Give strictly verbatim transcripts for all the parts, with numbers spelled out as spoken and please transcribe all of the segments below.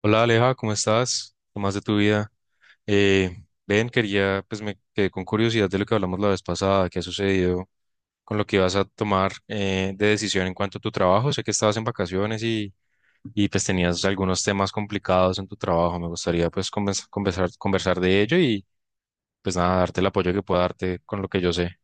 Hola Aleja, ¿cómo estás? ¿Qué más de tu vida? Eh, ven, quería, pues me quedé con curiosidad de lo que hablamos la vez pasada, qué ha sucedido con lo que vas a tomar eh, de decisión en cuanto a tu trabajo. Sé que estabas en vacaciones y, y pues tenías algunos temas complicados en tu trabajo. Me gustaría pues convers- conversar, conversar de ello y pues nada, darte el apoyo que pueda darte con lo que yo sé.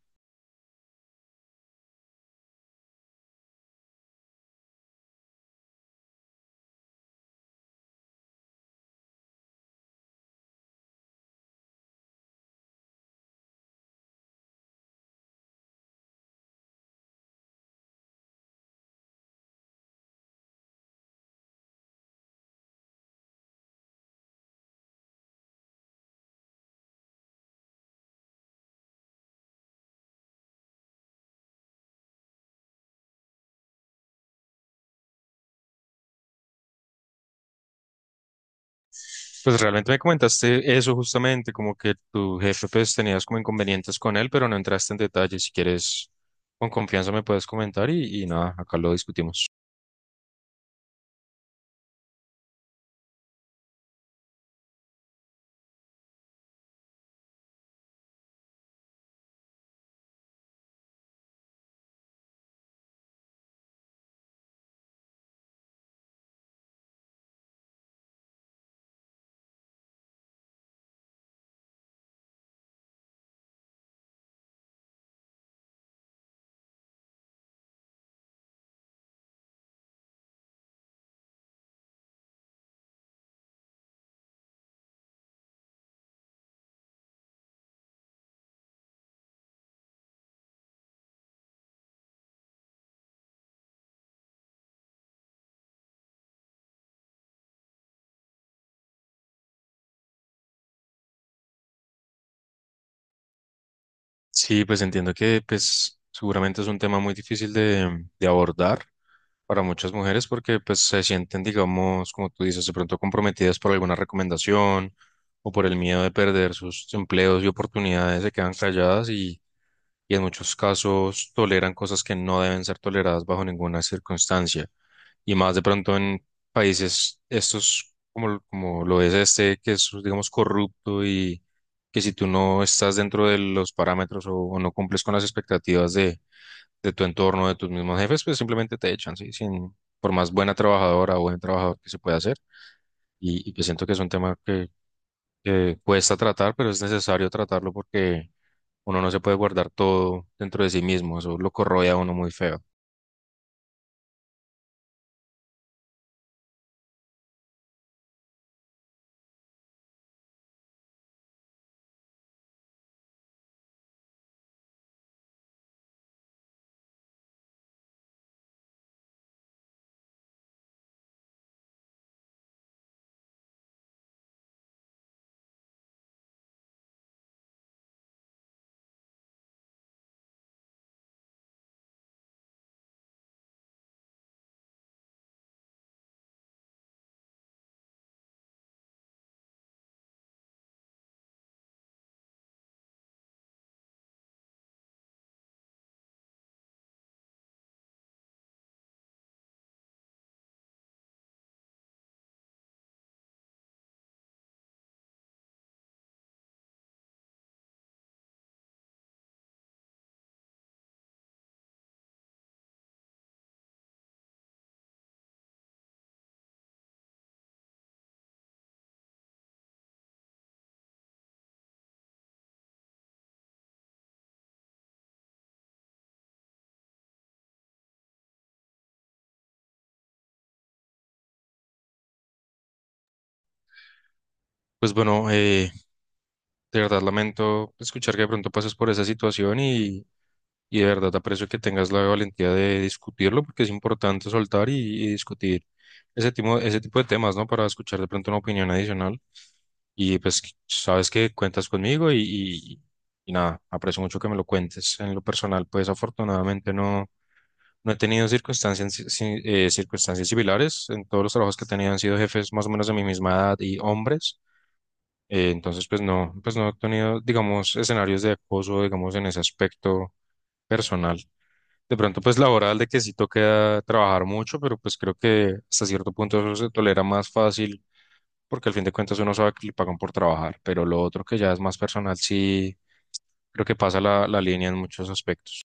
Pues realmente me comentaste eso justamente, como que tu jefe pues tenías como inconvenientes con él, pero no entraste en detalle. Si quieres, con confianza me puedes comentar y, y nada, acá lo discutimos. Sí, pues entiendo que pues seguramente es un tema muy difícil de, de abordar para muchas mujeres porque pues se sienten, digamos, como tú dices, de pronto comprometidas por alguna recomendación o por el miedo de perder sus empleos y oportunidades, se quedan calladas y y en muchos casos toleran cosas que no deben ser toleradas bajo ninguna circunstancia. Y más de pronto en países estos, como, como lo es este, que es, digamos, corrupto y que si tú no estás dentro de los parámetros o, o no cumples con las expectativas de, de tu entorno, de tus mismos jefes, pues simplemente te echan, ¿sí? Sin, por más buena trabajadora o buen trabajador que se pueda hacer. Y, y pues siento que es un tema que, que cuesta tratar, pero es necesario tratarlo porque uno no se puede guardar todo dentro de sí mismo, eso lo corroe a uno muy feo. Pues bueno, eh, de verdad lamento escuchar que de pronto pases por esa situación y, y de verdad aprecio que tengas la valentía de discutirlo porque es importante soltar y, y discutir ese tipo, ese tipo de temas, ¿no? Para escuchar de pronto una opinión adicional. Y pues sabes que cuentas conmigo y, y, y nada, aprecio mucho que me lo cuentes. En lo personal, pues afortunadamente no. No he tenido circunstancias, si- si, eh, circunstancias similares. En todos los trabajos que he tenido han sido jefes más o menos de mi misma edad y hombres. Eh, entonces, pues no, pues no he tenido, digamos, escenarios de acoso, digamos, en ese aspecto personal. De pronto, pues laboral, de que sí toca trabajar mucho, pero pues creo que hasta cierto punto eso se tolera más fácil, porque al fin de cuentas uno sabe que le pagan por trabajar. Pero lo otro que ya es más personal, sí, creo que pasa la, la línea en muchos aspectos.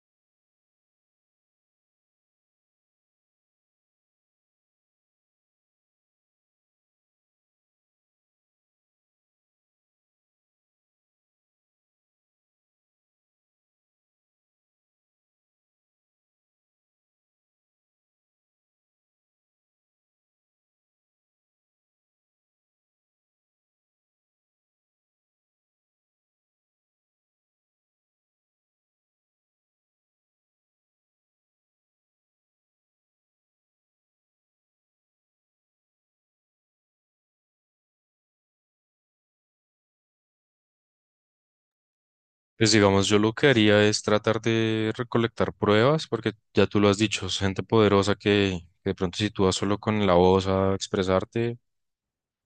Pues digamos, yo lo que haría es tratar de recolectar pruebas, porque ya tú lo has dicho, es gente poderosa que, que de pronto si tú vas solo con la voz a expresarte,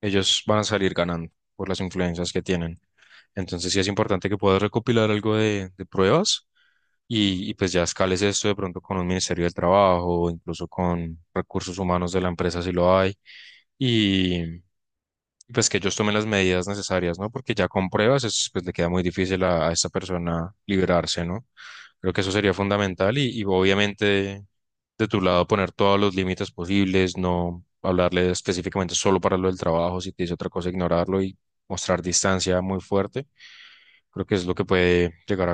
ellos van a salir ganando por las influencias que tienen. Entonces sí es importante que puedas recopilar algo de, de pruebas y, y pues ya escales esto de pronto con un Ministerio del Trabajo, incluso con recursos humanos de la empresa si lo hay y pues que ellos tomen las medidas necesarias, ¿no? Porque ya con pruebas es, pues le queda muy difícil a, a esta persona liberarse, ¿no? Creo que eso sería fundamental y, y obviamente de tu lado poner todos los límites posibles, no hablarle específicamente solo para lo del trabajo, si te dice otra cosa, ignorarlo y mostrar distancia muy fuerte. Creo que es lo que puede llegar a,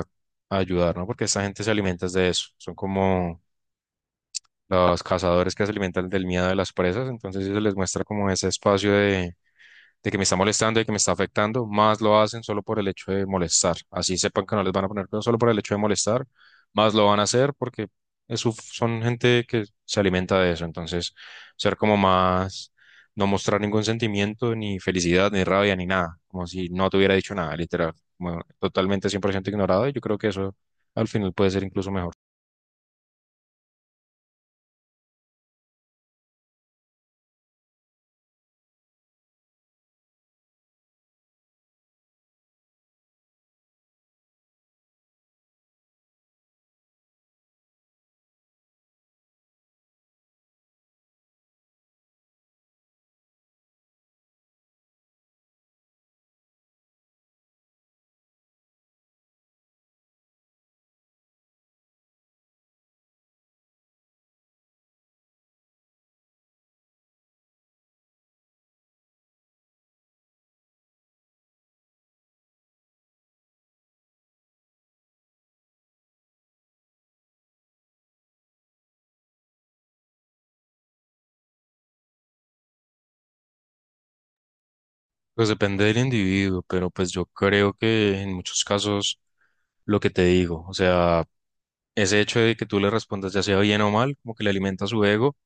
a ayudar, ¿no? Porque esta gente se alimenta de eso. Son como los cazadores que se alimentan del miedo de las presas, entonces si se les muestra como ese espacio de de que me está molestando y que me está afectando, más lo hacen solo por el hecho de molestar. Así sepan que no les van a poner cuidado solo por el hecho de molestar, más lo van a hacer porque es su- son gente que se alimenta de eso. Entonces, ser como más, no mostrar ningún sentimiento, ni felicidad, ni rabia, ni nada, como si no te hubiera dicho nada, literal, como totalmente cien por ciento ignorado. Y yo creo que eso al final puede ser incluso mejor. Pues depende del individuo, pero pues yo creo que en muchos casos lo que te digo, o sea... ese hecho de que tú le respondas ya sea bien o mal, como que le alimenta su ego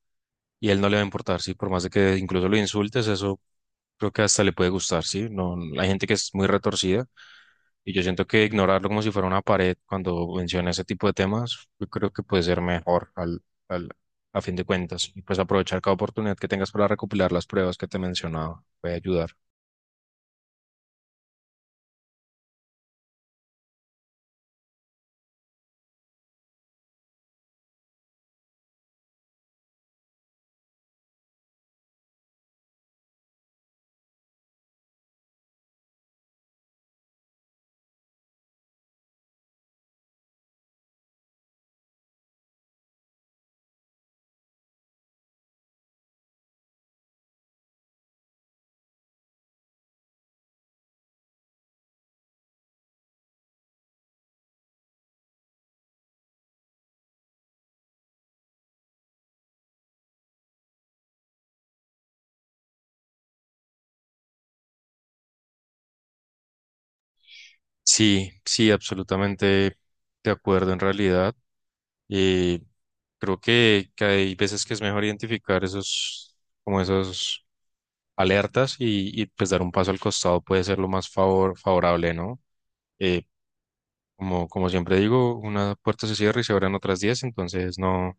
y él no le va a importar, ¿sí? Por más de que incluso lo insultes, eso creo que hasta le puede gustar, ¿sí? No, hay gente que es muy retorcida y yo siento que ignorarlo como si fuera una pared cuando menciona ese tipo de temas, yo creo que puede ser mejor al, al, a fin de cuentas y pues aprovechar cada oportunidad que tengas para recopilar las pruebas que te mencionaba, puede ayudar. Sí, sí, absolutamente de acuerdo en realidad. Creo que, que hay veces que es mejor identificar esos, como esos alertas y, y, pues dar un paso al costado puede ser lo más favor, favorable, ¿no? Eh, como, como siempre digo, una puerta se cierra y se abren otras diez entonces no,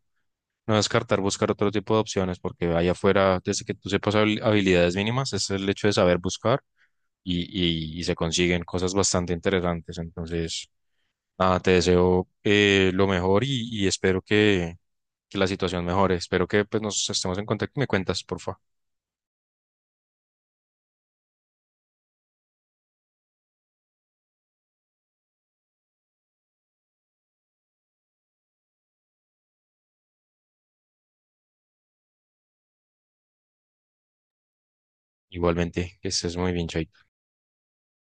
no descartar buscar otro tipo de opciones porque allá afuera, desde que tú sepas habil- habilidades mínimas, es el hecho de saber buscar y, y, y se consiguen cosas bastante interesantes. Entonces, nada, te deseo eh, lo mejor y, y espero que que la situación mejore. Espero que pues, nos estemos en contacto y me cuentas, porfa. Igualmente, que estés muy bien, Chaito.